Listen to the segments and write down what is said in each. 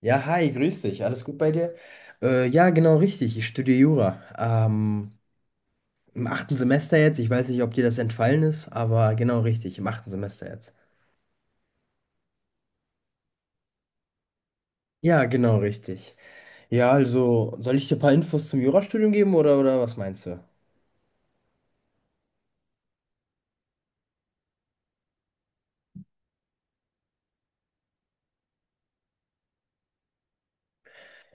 Ja, hi, grüß dich. Alles gut bei dir? Ja, genau richtig. Ich studiere Jura. Ähm, Im achten Semester jetzt. Ich weiß nicht, ob dir das entfallen ist, aber genau richtig. Im achten Semester jetzt. Ja, genau richtig. Ja, also soll ich dir ein paar Infos zum Jurastudium geben oder was meinst du?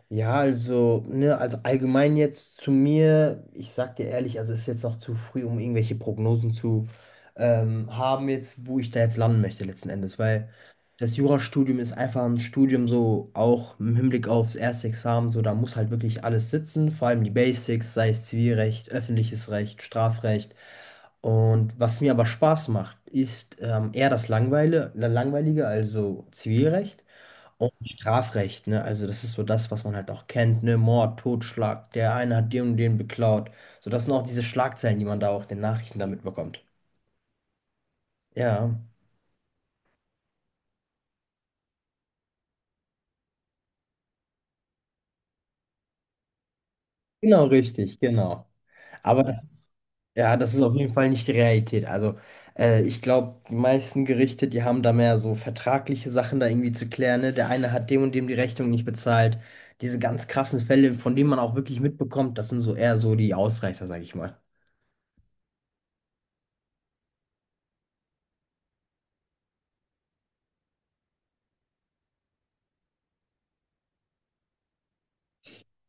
Ja, also, ne, also allgemein jetzt zu mir, ich sag dir ehrlich, also es ist jetzt noch zu früh, um irgendwelche Prognosen zu haben, jetzt, wo ich da jetzt landen möchte letzten Endes, weil das Jurastudium ist einfach ein Studium so auch im Hinblick aufs erste Examen, so da muss halt wirklich alles sitzen, vor allem die Basics, sei es Zivilrecht, öffentliches Recht, Strafrecht. Und was mir aber Spaß macht, ist eher das Langweilige, also Zivilrecht. Und Strafrecht, ne? Also das ist so das, was man halt auch kennt, ne? Mord, Totschlag, der eine hat den und den beklaut. So, das sind auch diese Schlagzeilen, die man da auch in den Nachrichten damit bekommt. Ja, genau richtig, genau. Aber das ist, ja, das ist auf jeden Fall nicht die Realität. Also ich glaube, die meisten Gerichte, die haben da mehr so vertragliche Sachen da irgendwie zu klären, ne? Der eine hat dem und dem die Rechnung nicht bezahlt. Diese ganz krassen Fälle, von denen man auch wirklich mitbekommt, das sind so eher so die Ausreißer, sag ich mal.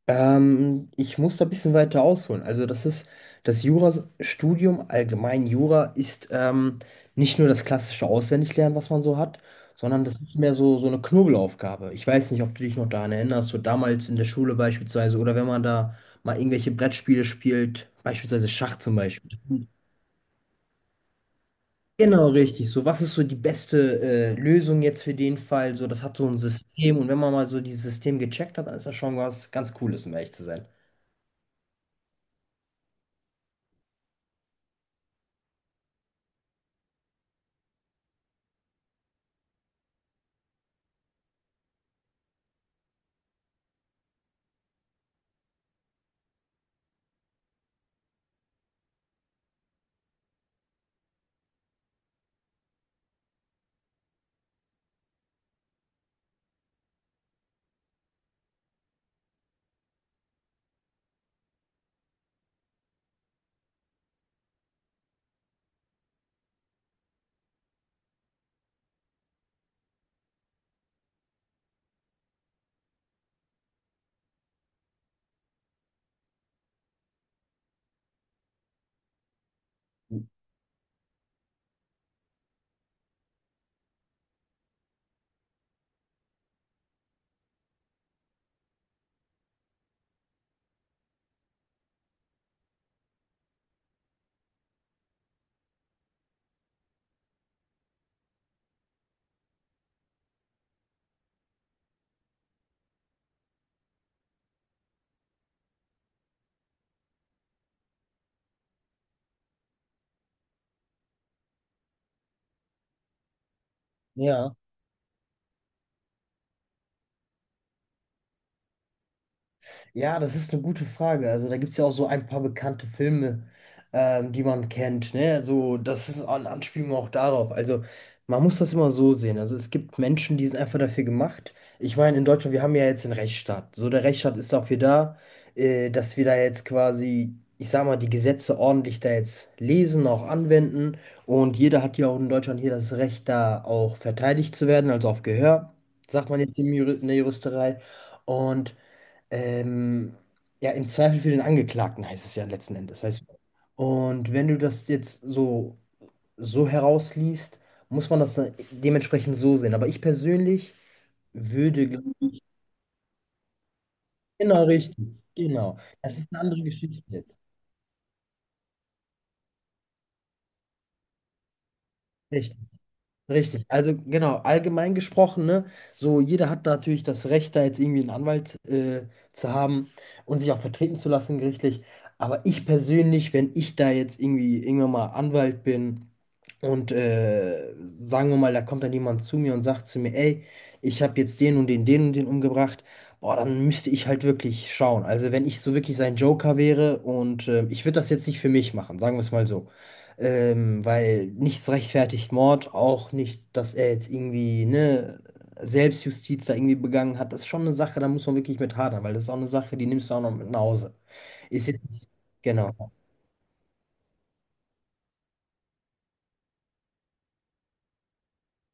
Ich muss da ein bisschen weiter ausholen. Also das ist das Jurastudium, allgemein Jura, ist nicht nur das klassische Auswendiglernen, was man so hat, sondern das ist mehr so, so eine Knobelaufgabe. Ich weiß nicht, ob du dich noch daran erinnerst, so damals in der Schule beispielsweise oder wenn man da mal irgendwelche Brettspiele spielt, beispielsweise Schach zum Beispiel. Genau, richtig. So, was ist so die beste Lösung jetzt für den Fall? So, das hat so ein System und wenn man mal so dieses System gecheckt hat, dann ist das schon was ganz Cooles, um ehrlich zu sein. Ja. Ja, das ist eine gute Frage. Also da gibt es ja auch so ein paar bekannte Filme, die man kennt. Ne? Also das ist eine Anspielung auch darauf. Also man muss das immer so sehen. Also es gibt Menschen, die sind einfach dafür gemacht. Ich meine, in Deutschland, wir haben ja jetzt den Rechtsstaat. So, der Rechtsstaat ist dafür da, dass wir da jetzt quasi, ich sag mal, die Gesetze ordentlich da jetzt lesen, auch anwenden. Und jeder hat ja auch in Deutschland hier das Recht, da auch verteidigt zu werden, also auf Gehör, sagt man jetzt im in der Juristerei. Und ähm, ja, im Zweifel für den Angeklagten heißt es ja letzten Endes, weißt du. Und wenn du das jetzt so, so herausliest, muss man das dann dementsprechend so sehen. Aber ich persönlich würde, genau richtig, genau. Das ist eine andere Geschichte jetzt. Richtig, also genau, allgemein gesprochen, ne, so jeder hat natürlich das Recht, da jetzt irgendwie einen Anwalt zu haben und sich auch vertreten zu lassen gerichtlich. Aber ich persönlich, wenn ich da jetzt irgendwie irgendwann mal Anwalt bin und sagen wir mal, da kommt dann jemand zu mir und sagt zu mir, ey, ich habe jetzt den und den umgebracht, boah, dann müsste ich halt wirklich schauen. Also wenn ich so wirklich sein Joker wäre und ich würde das jetzt nicht für mich machen, sagen wir es mal so. Weil nichts rechtfertigt Mord, auch nicht, dass er jetzt irgendwie, ne, Selbstjustiz da irgendwie begangen hat. Das ist schon eine Sache, da muss man wirklich mit hadern, weil das ist auch eine Sache, die nimmst du auch noch mit nach Hause. Ist jetzt nicht, genau.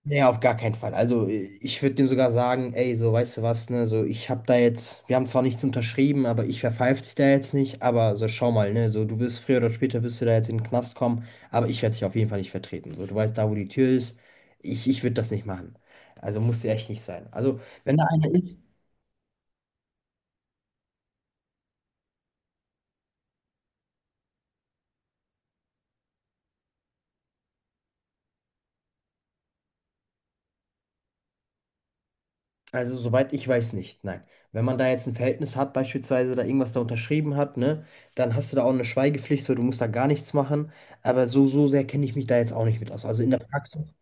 Nee, auf gar keinen Fall. Also ich würde dem sogar sagen, ey, so weißt du was, ne, so ich hab da jetzt, wir haben zwar nichts unterschrieben, aber ich verpfeif dich da jetzt nicht, aber so schau mal, ne, so du wirst früher oder später wirst du da jetzt in den Knast kommen, aber ich werde dich auf jeden Fall nicht vertreten. So, du weißt da, wo die Tür ist, ich würde das nicht machen. Also muss ja echt nicht sein. Also wenn da einer ist, also, soweit ich weiß nicht, nein. Wenn man da jetzt ein Verhältnis hat, beispielsweise da irgendwas da unterschrieben hat, ne, dann hast du da auch eine Schweigepflicht, so du musst da gar nichts machen. Aber so, so sehr kenne ich mich da jetzt auch nicht mit aus. Also in der Praxis.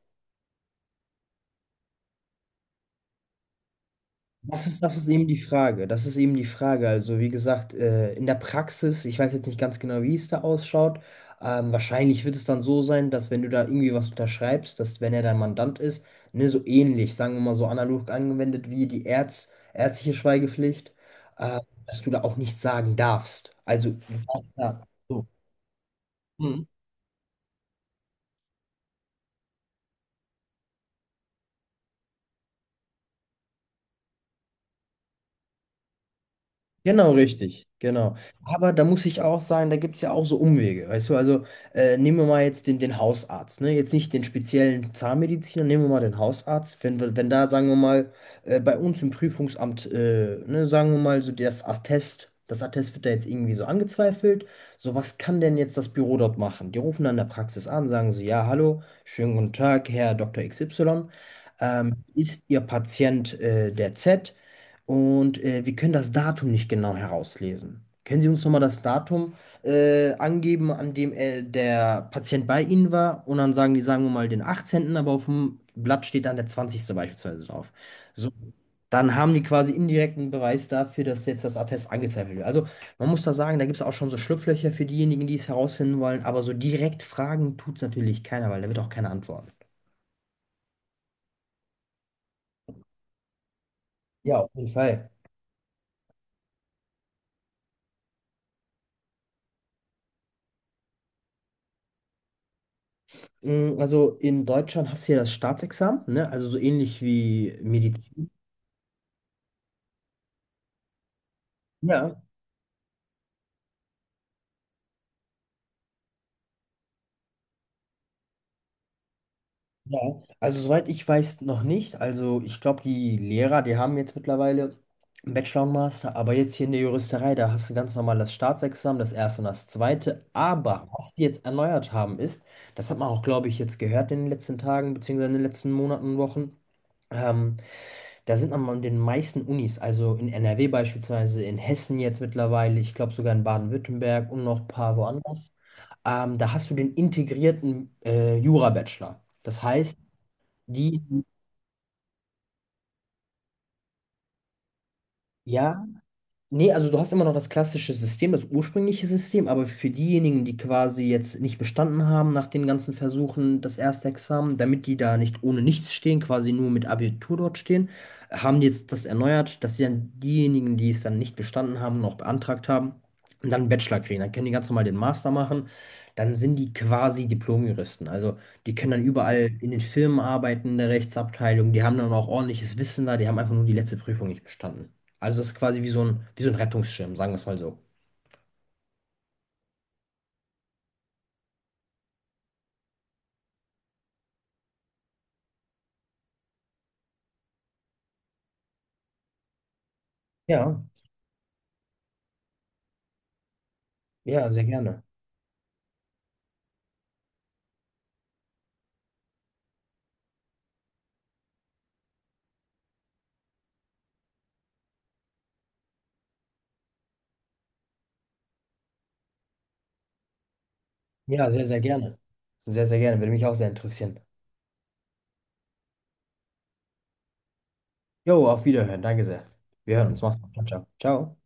Das ist eben die Frage. Das ist eben die Frage. Also, wie gesagt, in der Praxis, ich weiß jetzt nicht ganz genau, wie es da ausschaut. Wahrscheinlich wird es dann so sein, dass wenn du da irgendwie was unterschreibst, dass wenn er dein Mandant ist, ne, so ähnlich, sagen wir mal so analog angewendet wie die ärztliche Schweigepflicht, äh, dass du da auch nichts sagen darfst. Also, du darfst da. So. Genau, richtig, genau. Aber da muss ich auch sagen, da gibt es ja auch so Umwege, weißt du, also nehmen wir mal jetzt den Hausarzt, ne? Jetzt nicht den speziellen Zahnmediziner, nehmen wir mal den Hausarzt. Wenn, wenn da, sagen wir mal, bei uns im Prüfungsamt, ne, sagen wir mal, so das Attest wird da jetzt irgendwie so angezweifelt. So, was kann denn jetzt das Büro dort machen? Die rufen dann in der Praxis an, sagen so, ja, hallo, schönen guten Tag, Herr Dr. XY. Ist Ihr Patient der Z? Und wir können das Datum nicht genau herauslesen. Können Sie uns nochmal das Datum angeben, an dem der Patient bei Ihnen war? Und dann sagen die, sagen wir mal, den 18., aber auf dem Blatt steht dann der 20. beispielsweise drauf. So, dann haben die quasi indirekten Beweis dafür, dass jetzt das Attest angezweifelt wird. Also man muss da sagen, da gibt es auch schon so Schlupflöcher für diejenigen, die es herausfinden wollen, aber so direkt fragen tut es natürlich keiner, weil da wird auch keiner antworten. Ja, auf jeden Fall. Mm, also in Deutschland hast du ja das Staatsexamen, ne? Also so ähnlich wie Medizin. Ja, ja. Also soweit ich weiß, noch nicht. Also ich glaube, die Lehrer, die haben jetzt mittlerweile einen Bachelor und Master, aber jetzt hier in der Juristerei, da hast du ganz normal das Staatsexamen, das erste und das zweite. Aber was die jetzt erneuert haben, ist, das hat man auch, glaube ich, jetzt gehört in den letzten Tagen, beziehungsweise in den letzten Monaten und Wochen, ähm, da sind an den meisten Unis, also in NRW beispielsweise, in Hessen jetzt mittlerweile, ich glaube sogar in Baden-Württemberg und noch ein paar woanders, da hast du den integrierten Jura-Bachelor. Das heißt, die, ja, nee, also du hast immer noch das klassische System, das ursprüngliche System, aber für diejenigen, die quasi jetzt nicht bestanden haben nach den ganzen Versuchen, das erste Examen, damit die da nicht ohne nichts stehen, quasi nur mit Abitur dort stehen, haben die jetzt das erneuert, dass sie dann diejenigen, die es dann nicht bestanden haben und auch beantragt haben, dann einen Bachelor kriegen. Dann können die ganz normal den Master machen, dann sind die quasi Diplom-Juristen. Also die können dann überall in den Firmen arbeiten, in der Rechtsabteilung, die haben dann auch ordentliches Wissen da, die haben einfach nur die letzte Prüfung nicht bestanden. Also das ist quasi wie so ein Rettungsschirm, sagen wir es mal so. Ja, ja, sehr gerne. Ja, sehr, sehr gerne. Sehr, sehr gerne. Würde mich auch sehr interessieren. Jo, auf Wiederhören. Danke sehr. Wir hören uns. Mach's gut. Ciao, ciao. Ciao.